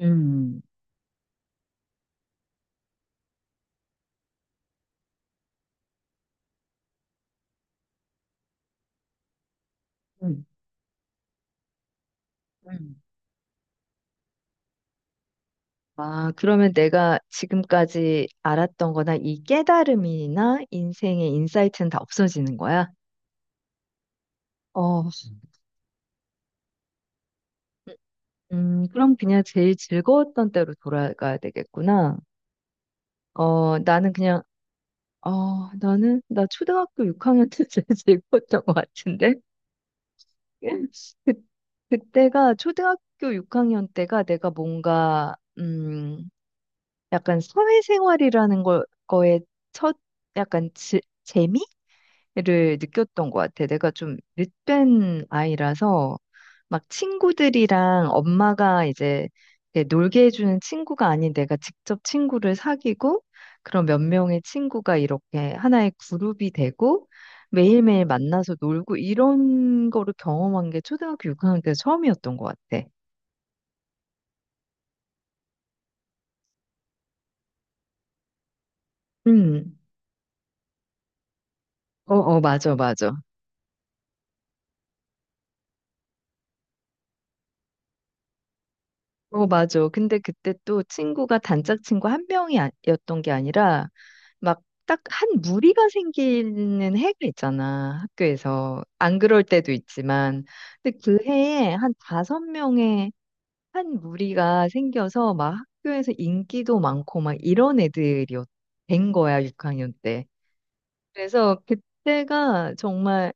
음, 음, 음. 아, 그러면 내가 지금까지 알았던 거나 이 깨달음이나 인생의 인사이트는 다 없어지는 거야? 어, 그럼 그냥 제일 즐거웠던 때로 돌아가야 되겠구나. 어, 나는 그냥, 어, 나는, 나 초등학교 6학년 때 제일 즐거웠던 것 같은데? 그, 그때가, 초등학교 6학년 때가 내가 뭔가, 약간 사회생활이라는 거에 첫 약간 재미를 느꼈던 것 같아. 내가 좀 늦된 아이라서 막 친구들이랑 엄마가 이제 이렇게 놀게 해주는 친구가 아닌 내가 직접 친구를 사귀고 그런 몇 명의 친구가 이렇게 하나의 그룹이 되고 매일매일 만나서 놀고 이런 거를 경험한 게 초등학교 6학년 때 처음이었던 것 같아. 음. 어, 어, 맞아, 맞아. 어, 맞아. 근데 그때 또 친구가 단짝 친구 한 명이었던 게 아니라 막 딱 한 무리가 생기는 해가 있잖아. 학교에서. 안 그럴 때도 있지만. 근데 그 해에 한 다섯 명의 한 무리가 생겨서 막 학교에서 인기도 많고 막 이런 애들이 된 거야, 6학년 때. 그래서 그때가 정말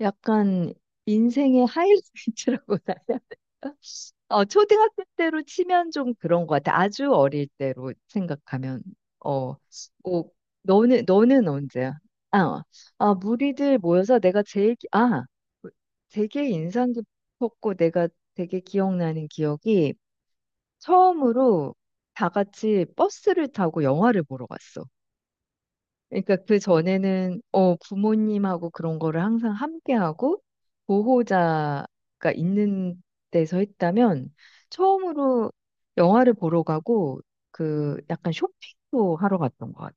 약간 인생의 하이라이트라고 나야. 어, 초등학교 때로 치면 좀 그런 것 같아. 아주 어릴 때로 생각하면. 어, 뭐, 너는 언제야? 아, 아, 무리들 모여서 내가 제일, 아, 되게 인상 깊었고 내가 되게 기억나는 기억이 처음으로 다 같이 버스를 타고 영화를 보러 갔어. 그러니까 그 전에는 부모님하고 그런 거를 항상 함께하고 보호자가 있는 데서 했다면 처음으로 영화를 보러 가고 그 약간 쇼핑도 하러 갔던 것 같아.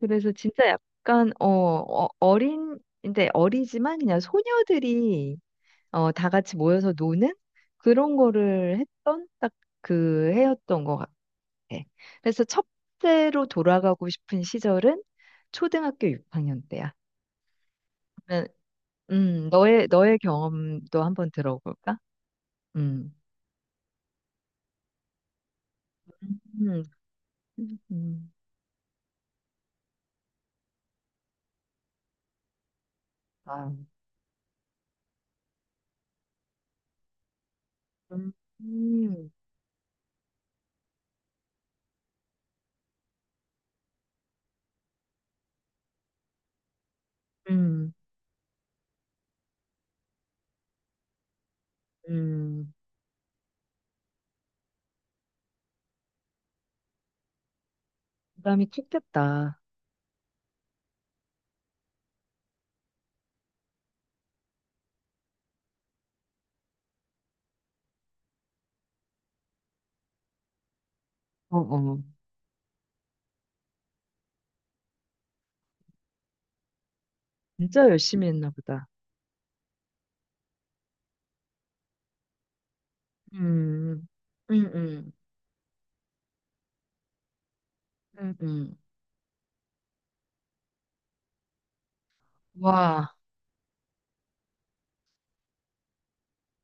그래서 진짜 약간 어린 근데 어리지만 그냥 소녀들이 다 같이 모여서 노는 그런 거를 했던 딱 그 해였던 것 같아. 네. 그래서 첫째로 돌아가고 싶은 시절은 초등학교 6학년 때야. 그러면, 너의 경험도 한번 들어볼까? 음. 음, 음, 아, 음, 음, 음, 음. 부담이 컸겠다. 어, 어. 진짜 열심히 했나 보다. 음, 음, 음, 음, 음. 와,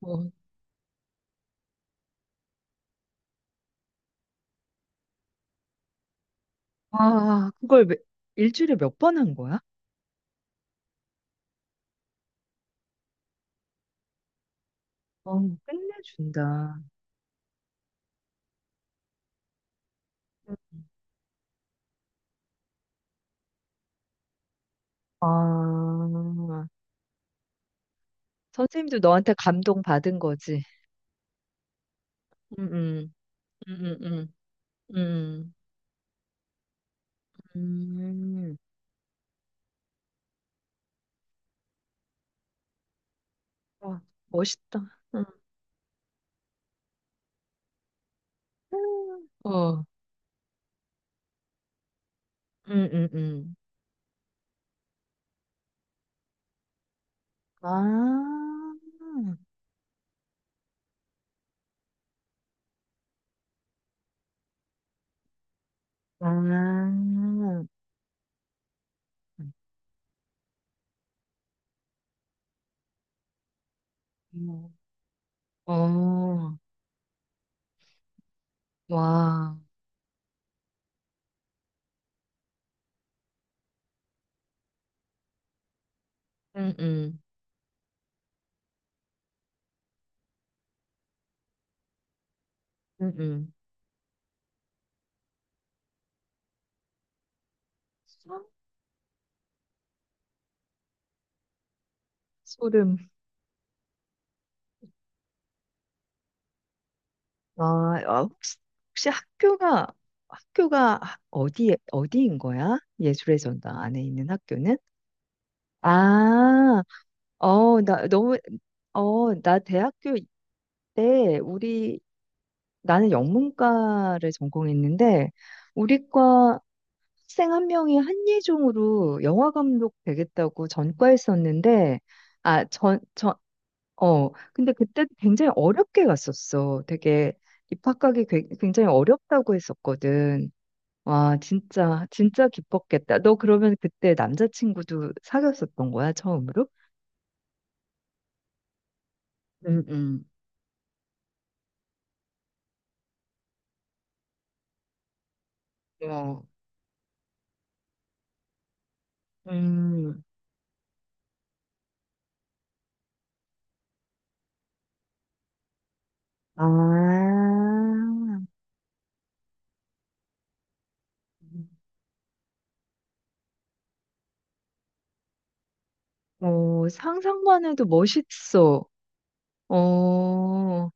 어, 와, 그걸 일주일에 몇 번 한 거야? 어, 끝내준다. 아, 선생님도 너한테 감동받은 거지. 음, 음, 음, 음, 음, 음, 음. 와, 멋있다. 응. 어, 음, 음, 음. 아, 아, 음, 어, 와, 음, 음, 음, 음. 소름. 아, 아, 혹시 학교가 어디에, 어디인 거야? 예술의 전당 안에 있는 학교는? 아, 어, 나 너무, 나 대학교 때 나는 영문과를 전공했는데, 우리 과 학생 한 명이 한예종으로 영화 감독 되겠다고 전과했었는데, 아, 근데 그때 굉장히 어렵게 갔었어. 되게 입학하기 굉장히 어렵다고 했었거든. 와, 진짜, 진짜 기뻤겠다. 너 그러면 그때 남자친구도 사귀었었던 거야, 처음으로? 음, 음. 어. 음, 아, 어, 상상만 해도 멋있어. 어, 어,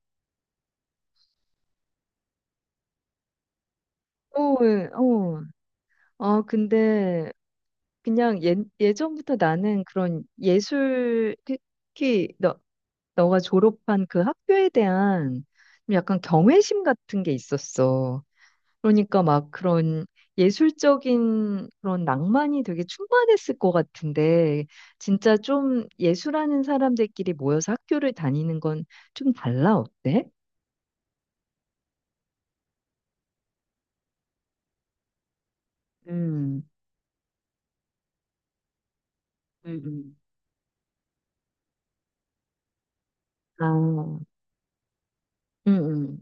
예, 어. 아, 근데 그냥 예전부터 나는 그런 예술, 특히 너가 졸업한 그 학교에 대한 좀 약간 경외심 같은 게 있었어. 그러니까 막 그런 예술적인 그런 낭만이 되게 충만했을 것 같은데, 진짜 좀 예술하는 사람들끼리 모여서 학교를 다니는 건 좀 달라, 어때? 음, 음, 음, 아, 응, 응,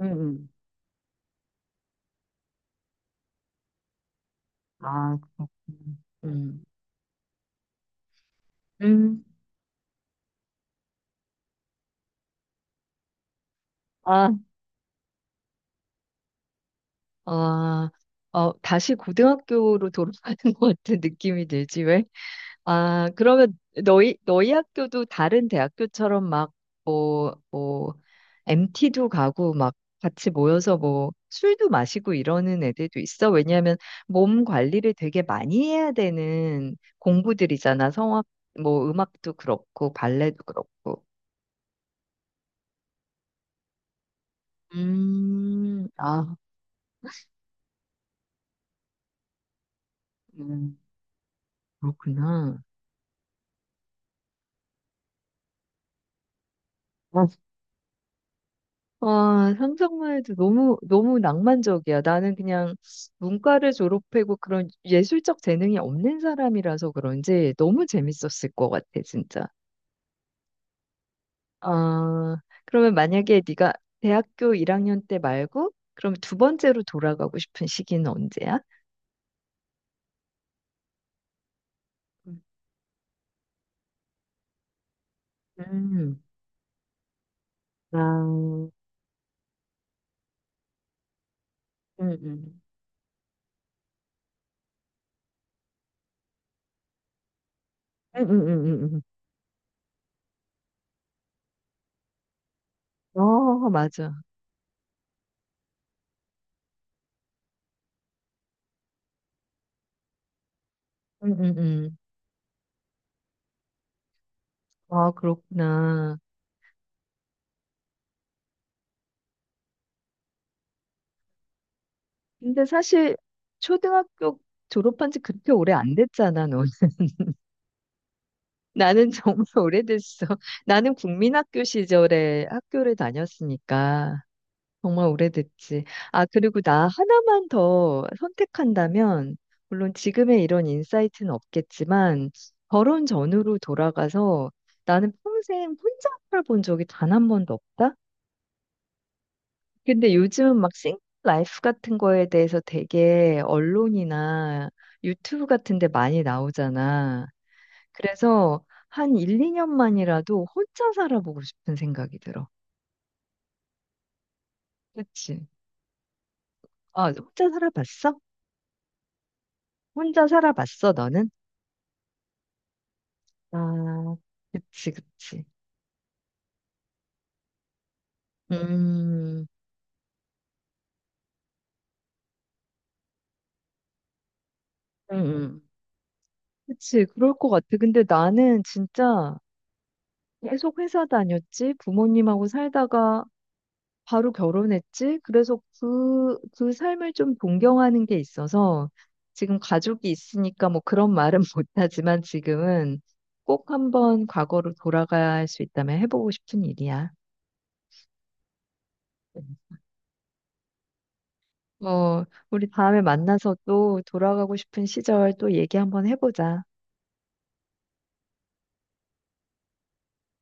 음, 음. 아, 그렇구나. 응. 음, 아, 아, 어, 다시 고등학교로 돌아가는 것 같은 느낌이 들지, 왜? 아, 그러면 너희 학교도 다른 대학교처럼 막, 뭐, MT도 가고 막 같이 모여서 뭐 술도 마시고 이러는 애들도 있어. 왜냐하면 몸 관리를 되게 많이 해야 되는 공부들이잖아. 성악, 뭐 음악도 그렇고, 발레도 그렇고. 아, 음. 그렇구나. 와, 상상만 해도 너무, 너무 낭만적이야. 나는 그냥 문과를 졸업하고 그런 예술적 재능이 없는 사람이라서 그런지 너무 재밌었을 것 같아, 진짜. 아, 그러면 만약에 네가 대학교 1학년 때 말고, 그럼 두 번째로 돌아가고 싶은 시기는 언제야? 음, 아, 음, 음. 음. 어, 맞아. 음, 음, 음. 아, 그렇구나. 근데 사실 초등학교 졸업한 지 그렇게 오래 안 됐잖아, 넌. 나는 정말 오래됐어. 나는 국민학교 시절에 학교를 다녔으니까 정말 오래됐지. 아, 그리고 나 하나만 더 선택한다면, 물론 지금의 이런 인사이트는 없겠지만, 결혼 전으로 돌아가서 나는 평생 혼자 살아본 적이 단 한 번도 없다? 근데 요즘 막 싱글 라이프 같은 거에 대해서 되게 언론이나 유튜브 같은 데 많이 나오잖아. 그래서 한 1, 2년만이라도 혼자 살아보고 싶은 생각이 들어. 그치? 아, 혼자 살아봤어? 혼자 살아봤어, 너는? 아, 그치, 그치. 음, 음, 음. 그치, 그럴 것 같아. 근데 나는 진짜 계속 회사 다녔지, 부모님하고 살다가 바로 결혼했지. 그래서 그 삶을 좀 동경하는 게 있어서 지금 가족이 있으니까 뭐 그런 말은 못하지만 지금은 꼭 한번 과거로 돌아갈 수 있다면 해보고 싶은 일이야. 뭐, 우리 다음에 만나서 또 돌아가고 싶은 시절 또 얘기 한번 해보자.